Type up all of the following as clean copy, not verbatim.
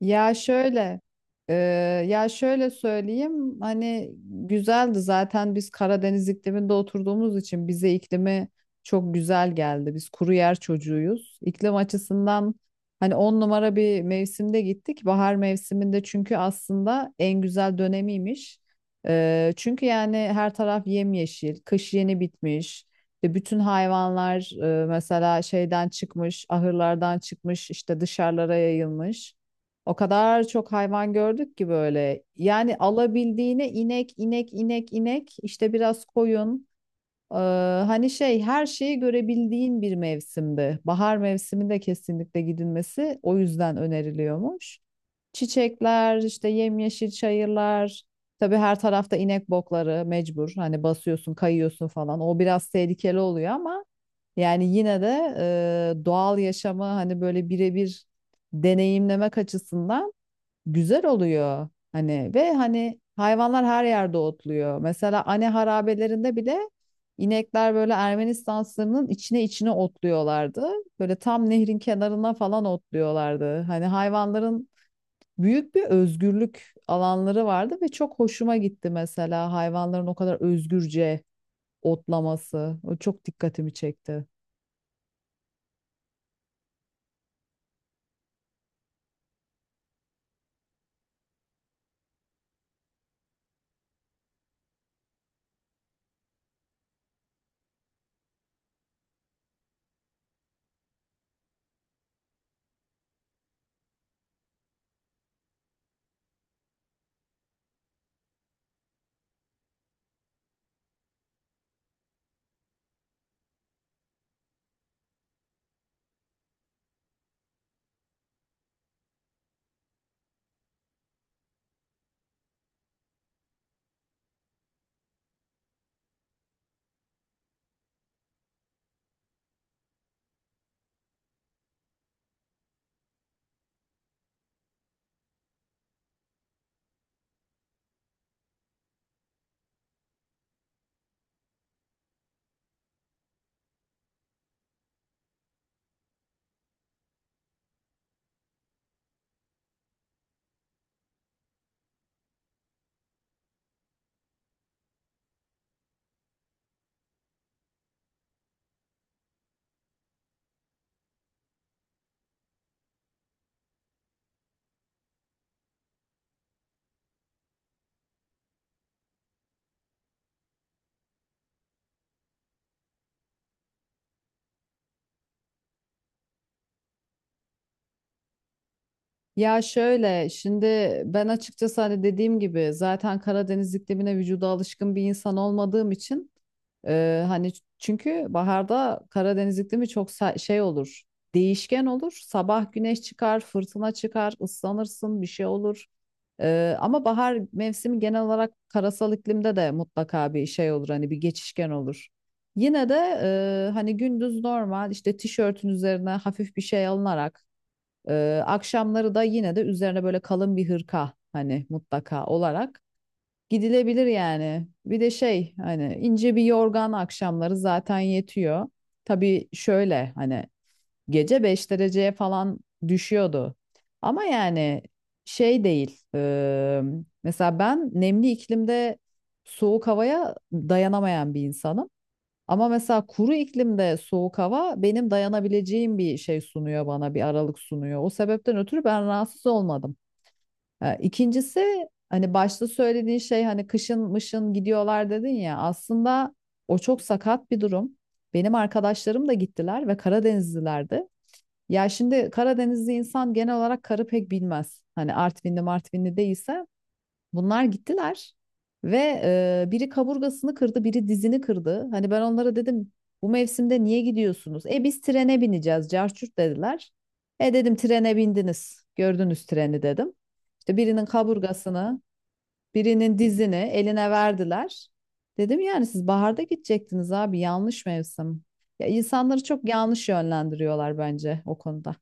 Ya şöyle, e, ya şöyle söyleyeyim, güzeldi zaten biz Karadeniz ikliminde oturduğumuz için bize iklimi çok güzel geldi. Biz kuru yer çocuğuyuz. İklim açısından hani on numara bir mevsimde gittik. Bahar mevsiminde, çünkü aslında en güzel dönemiymiş. Çünkü yani her taraf yemyeşil, kış yeni bitmiş. İşte bütün hayvanlar mesela ahırlardan çıkmış, işte dışarılara yayılmış. O kadar çok hayvan gördük ki böyle. Yani alabildiğine inek, inek, inek, inek, işte biraz koyun. Ee, hani her şeyi görebildiğin bir mevsimdi. Bahar mevsiminde kesinlikle gidilmesi o yüzden öneriliyormuş. Çiçekler, işte yemyeşil çayırlar. Tabii her tarafta inek bokları mecbur. Hani basıyorsun, kayıyorsun falan. O biraz tehlikeli oluyor ama yani yine de doğal yaşamı hani böyle birebir deneyimlemek açısından güzel oluyor. Ve hani hayvanlar her yerde otluyor. Mesela Ane harabelerinde bile inekler böyle Ermenistan sınırının içine otluyorlardı. Böyle tam nehrin kenarına falan otluyorlardı. Hani hayvanların büyük bir özgürlük alanları vardı ve çok hoşuma gitti, mesela hayvanların o kadar özgürce otlaması. O çok dikkatimi çekti. Ya şöyle şimdi, ben açıkçası hani dediğim gibi zaten Karadeniz iklimine vücuda alışkın bir insan olmadığım için, çünkü baharda Karadeniz iklimi çok şey olur, değişken olur, sabah güneş çıkar, fırtına çıkar, ıslanırsın, bir şey olur. Ama bahar mevsimi genel olarak karasal iklimde de mutlaka bir şey olur, hani bir geçişken olur. Yine de hani gündüz normal işte tişörtün üzerine hafif bir şey alınarak, akşamları da yine de üzerine böyle kalın bir hırka hani mutlaka olarak gidilebilir yani. Bir de şey, hani ince bir yorgan akşamları zaten yetiyor. Tabii şöyle, hani gece 5 dereceye falan düşüyordu. Ama yani şey değil. Mesela ben nemli iklimde soğuk havaya dayanamayan bir insanım. Ama mesela kuru iklimde soğuk hava benim dayanabileceğim bir şey sunuyor bana, bir aralık sunuyor. O sebepten ötürü ben rahatsız olmadım. Ha, İkincisi hani başta söylediğin şey, hani kışın mışın gidiyorlar dedin ya, aslında o çok sakat bir durum. Benim arkadaşlarım da gittiler ve Karadenizlilerdi. Ya şimdi Karadenizli insan genel olarak karı pek bilmez. Hani Artvinli Martvinli değilse. Bunlar gittiler ve biri kaburgasını kırdı, biri dizini kırdı. Hani ben onlara dedim bu mevsimde niye gidiyorsunuz? E biz trene bineceğiz, carçurt dediler. E dedim, trene bindiniz, gördünüz treni dedim. İşte birinin kaburgasını, birinin dizini eline verdiler. Dedim yani siz baharda gidecektiniz abi, yanlış mevsim. Ya insanları çok yanlış yönlendiriyorlar bence o konuda.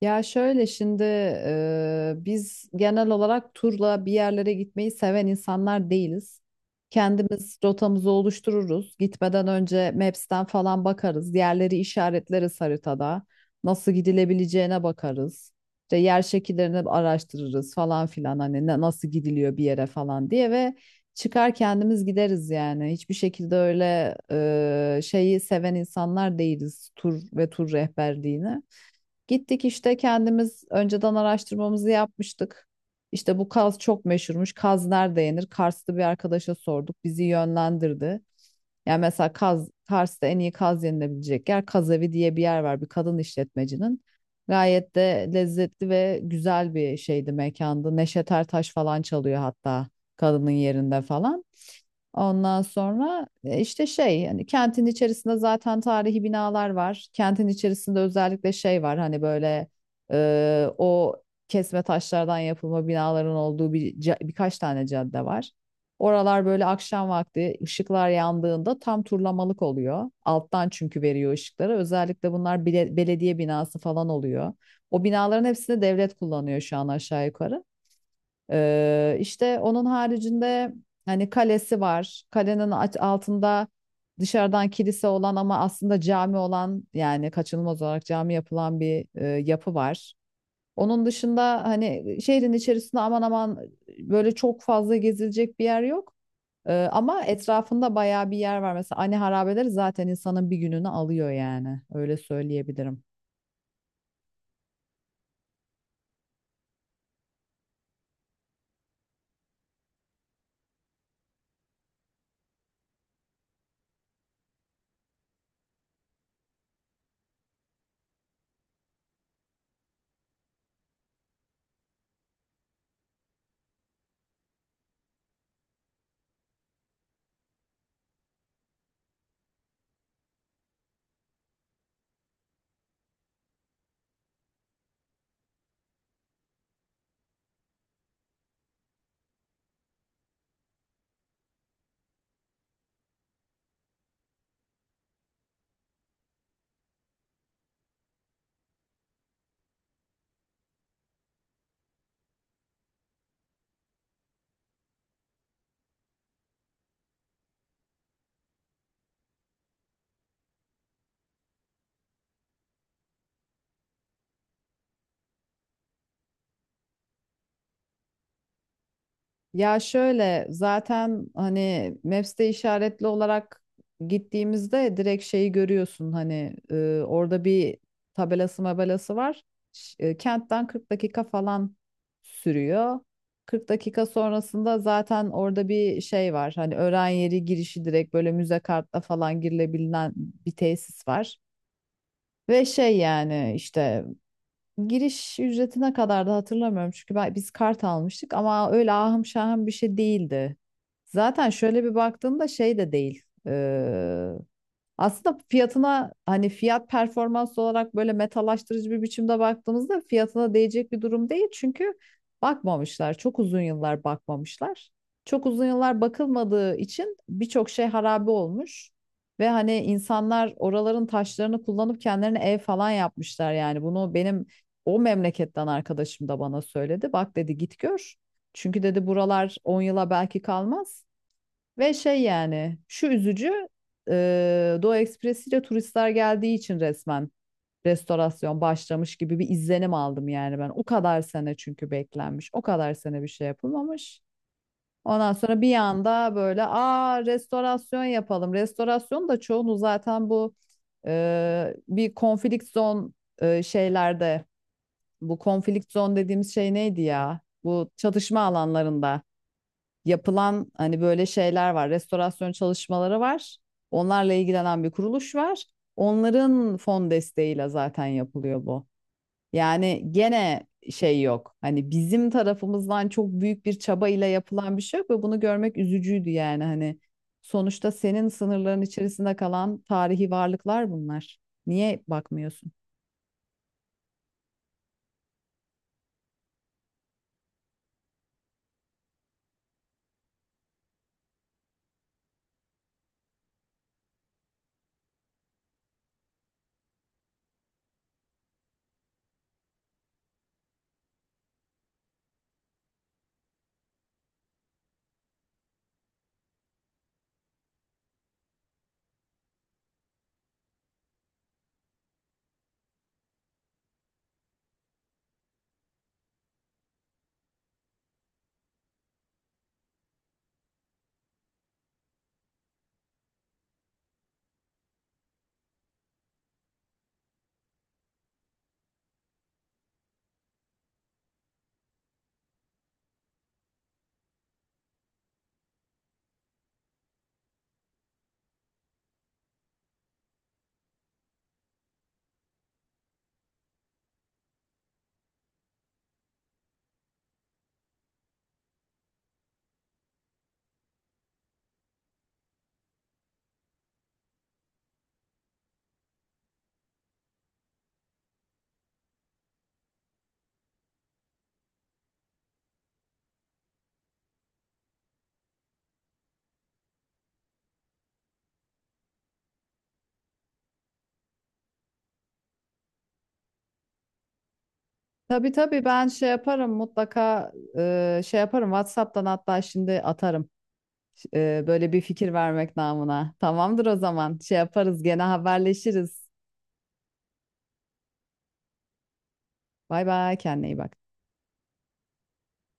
Biz genel olarak turla bir yerlere gitmeyi seven insanlar değiliz. Kendimiz rotamızı oluştururuz. Gitmeden önce Maps'ten falan bakarız. Yerleri işaretleriz haritada. Nasıl gidilebileceğine bakarız. İşte yer şekillerini araştırırız falan filan. Nasıl gidiliyor bir yere falan diye, ve çıkar kendimiz gideriz yani. Hiçbir şekilde öyle şeyi seven insanlar değiliz, tur ve tur rehberliğini. Gittik işte, kendimiz önceden araştırmamızı yapmıştık. İşte bu Kaz çok meşhurmuş. Kaz nerede yenir? Kars'ta bir arkadaşa sorduk. Bizi yönlendirdi. Yani mesela Kaz, Kars'ta en iyi kaz yenilebilecek yer Kaz diye bir yer var, bir kadın işletmecinin. Gayet de lezzetli ve güzel bir şeydi, mekandı. Neşet Ertaş falan çalıyor hatta kadının yerinde falan. Ondan sonra, hani kentin içerisinde zaten tarihi binalar var. Kentin içerisinde özellikle şey var, hani böyle o kesme taşlardan yapılma binaların olduğu birkaç tane cadde var. Oralar böyle akşam vakti ışıklar yandığında tam turlamalık oluyor. Alttan çünkü veriyor ışıkları. Özellikle belediye binası falan oluyor. O binaların hepsini devlet kullanıyor şu an aşağı yukarı. İşte onun haricinde hani kalesi var. Kalenin altında dışarıdan kilise olan ama aslında cami olan, yani kaçınılmaz olarak cami yapılan bir yapı var. Onun dışında hani şehrin içerisinde aman aman böyle çok fazla gezilecek bir yer yok. Ama etrafında bayağı bir yer var. Mesela Ani Harabeleri zaten insanın bir gününü alıyor yani. Öyle söyleyebilirim. Ya şöyle, zaten hani Maps'te işaretli olarak gittiğimizde direkt şeyi görüyorsun, hani orada bir tabelası mabelası var. Kentten 40 dakika falan sürüyor. 40 dakika sonrasında zaten orada bir şey var. Hani öğren yeri girişi direkt böyle müze kartla falan girilebilen bir tesis var. Ve şey, yani işte giriş ücretine kadar da hatırlamıyorum, biz kart almıştık ama öyle ahım şahım bir şey değildi. Zaten şöyle bir baktığımda şey de değil. Aslında fiyatına, hani fiyat performans olarak böyle metalaştırıcı bir biçimde baktığımızda fiyatına değecek bir durum değil. Çünkü bakmamışlar. Çok uzun yıllar bakmamışlar. Çok uzun yıllar bakılmadığı için birçok şey harabe olmuş. Ve hani insanlar oraların taşlarını kullanıp kendilerine ev falan yapmışlar yani. Bunu benim o memleketten arkadaşım da bana söyledi. Bak dedi, git gör. Çünkü dedi buralar 10 yıla belki kalmaz. Ve şey, yani şu üzücü: Doğu Ekspresi ile turistler geldiği için resmen restorasyon başlamış gibi bir izlenim aldım yani ben. O kadar sene çünkü beklenmiş. O kadar sene bir şey yapılmamış. Ondan sonra bir anda böyle, aa, restorasyon yapalım. Restorasyon da çoğunu zaten bu e, bir konflikt zon e, şeylerde bu konflikt zone dediğimiz şey neydi ya? Bu çatışma alanlarında yapılan hani böyle şeyler var. Restorasyon çalışmaları var. Onlarla ilgilenen bir kuruluş var. Onların fon desteğiyle zaten yapılıyor bu. Yani gene şey yok. Hani bizim tarafımızdan çok büyük bir çaba ile yapılan bir şey yok, ve bunu görmek üzücüydü yani, hani sonuçta senin sınırların içerisinde kalan tarihi varlıklar bunlar. Niye bakmıyorsun? Tabii tabii, ben şey yaparım mutlaka, e, şey yaparım WhatsApp'tan hatta şimdi atarım. Böyle bir fikir vermek namına. Tamamdır o zaman. Şey yaparız, gene haberleşiriz. Bay bay, kendine iyi bak.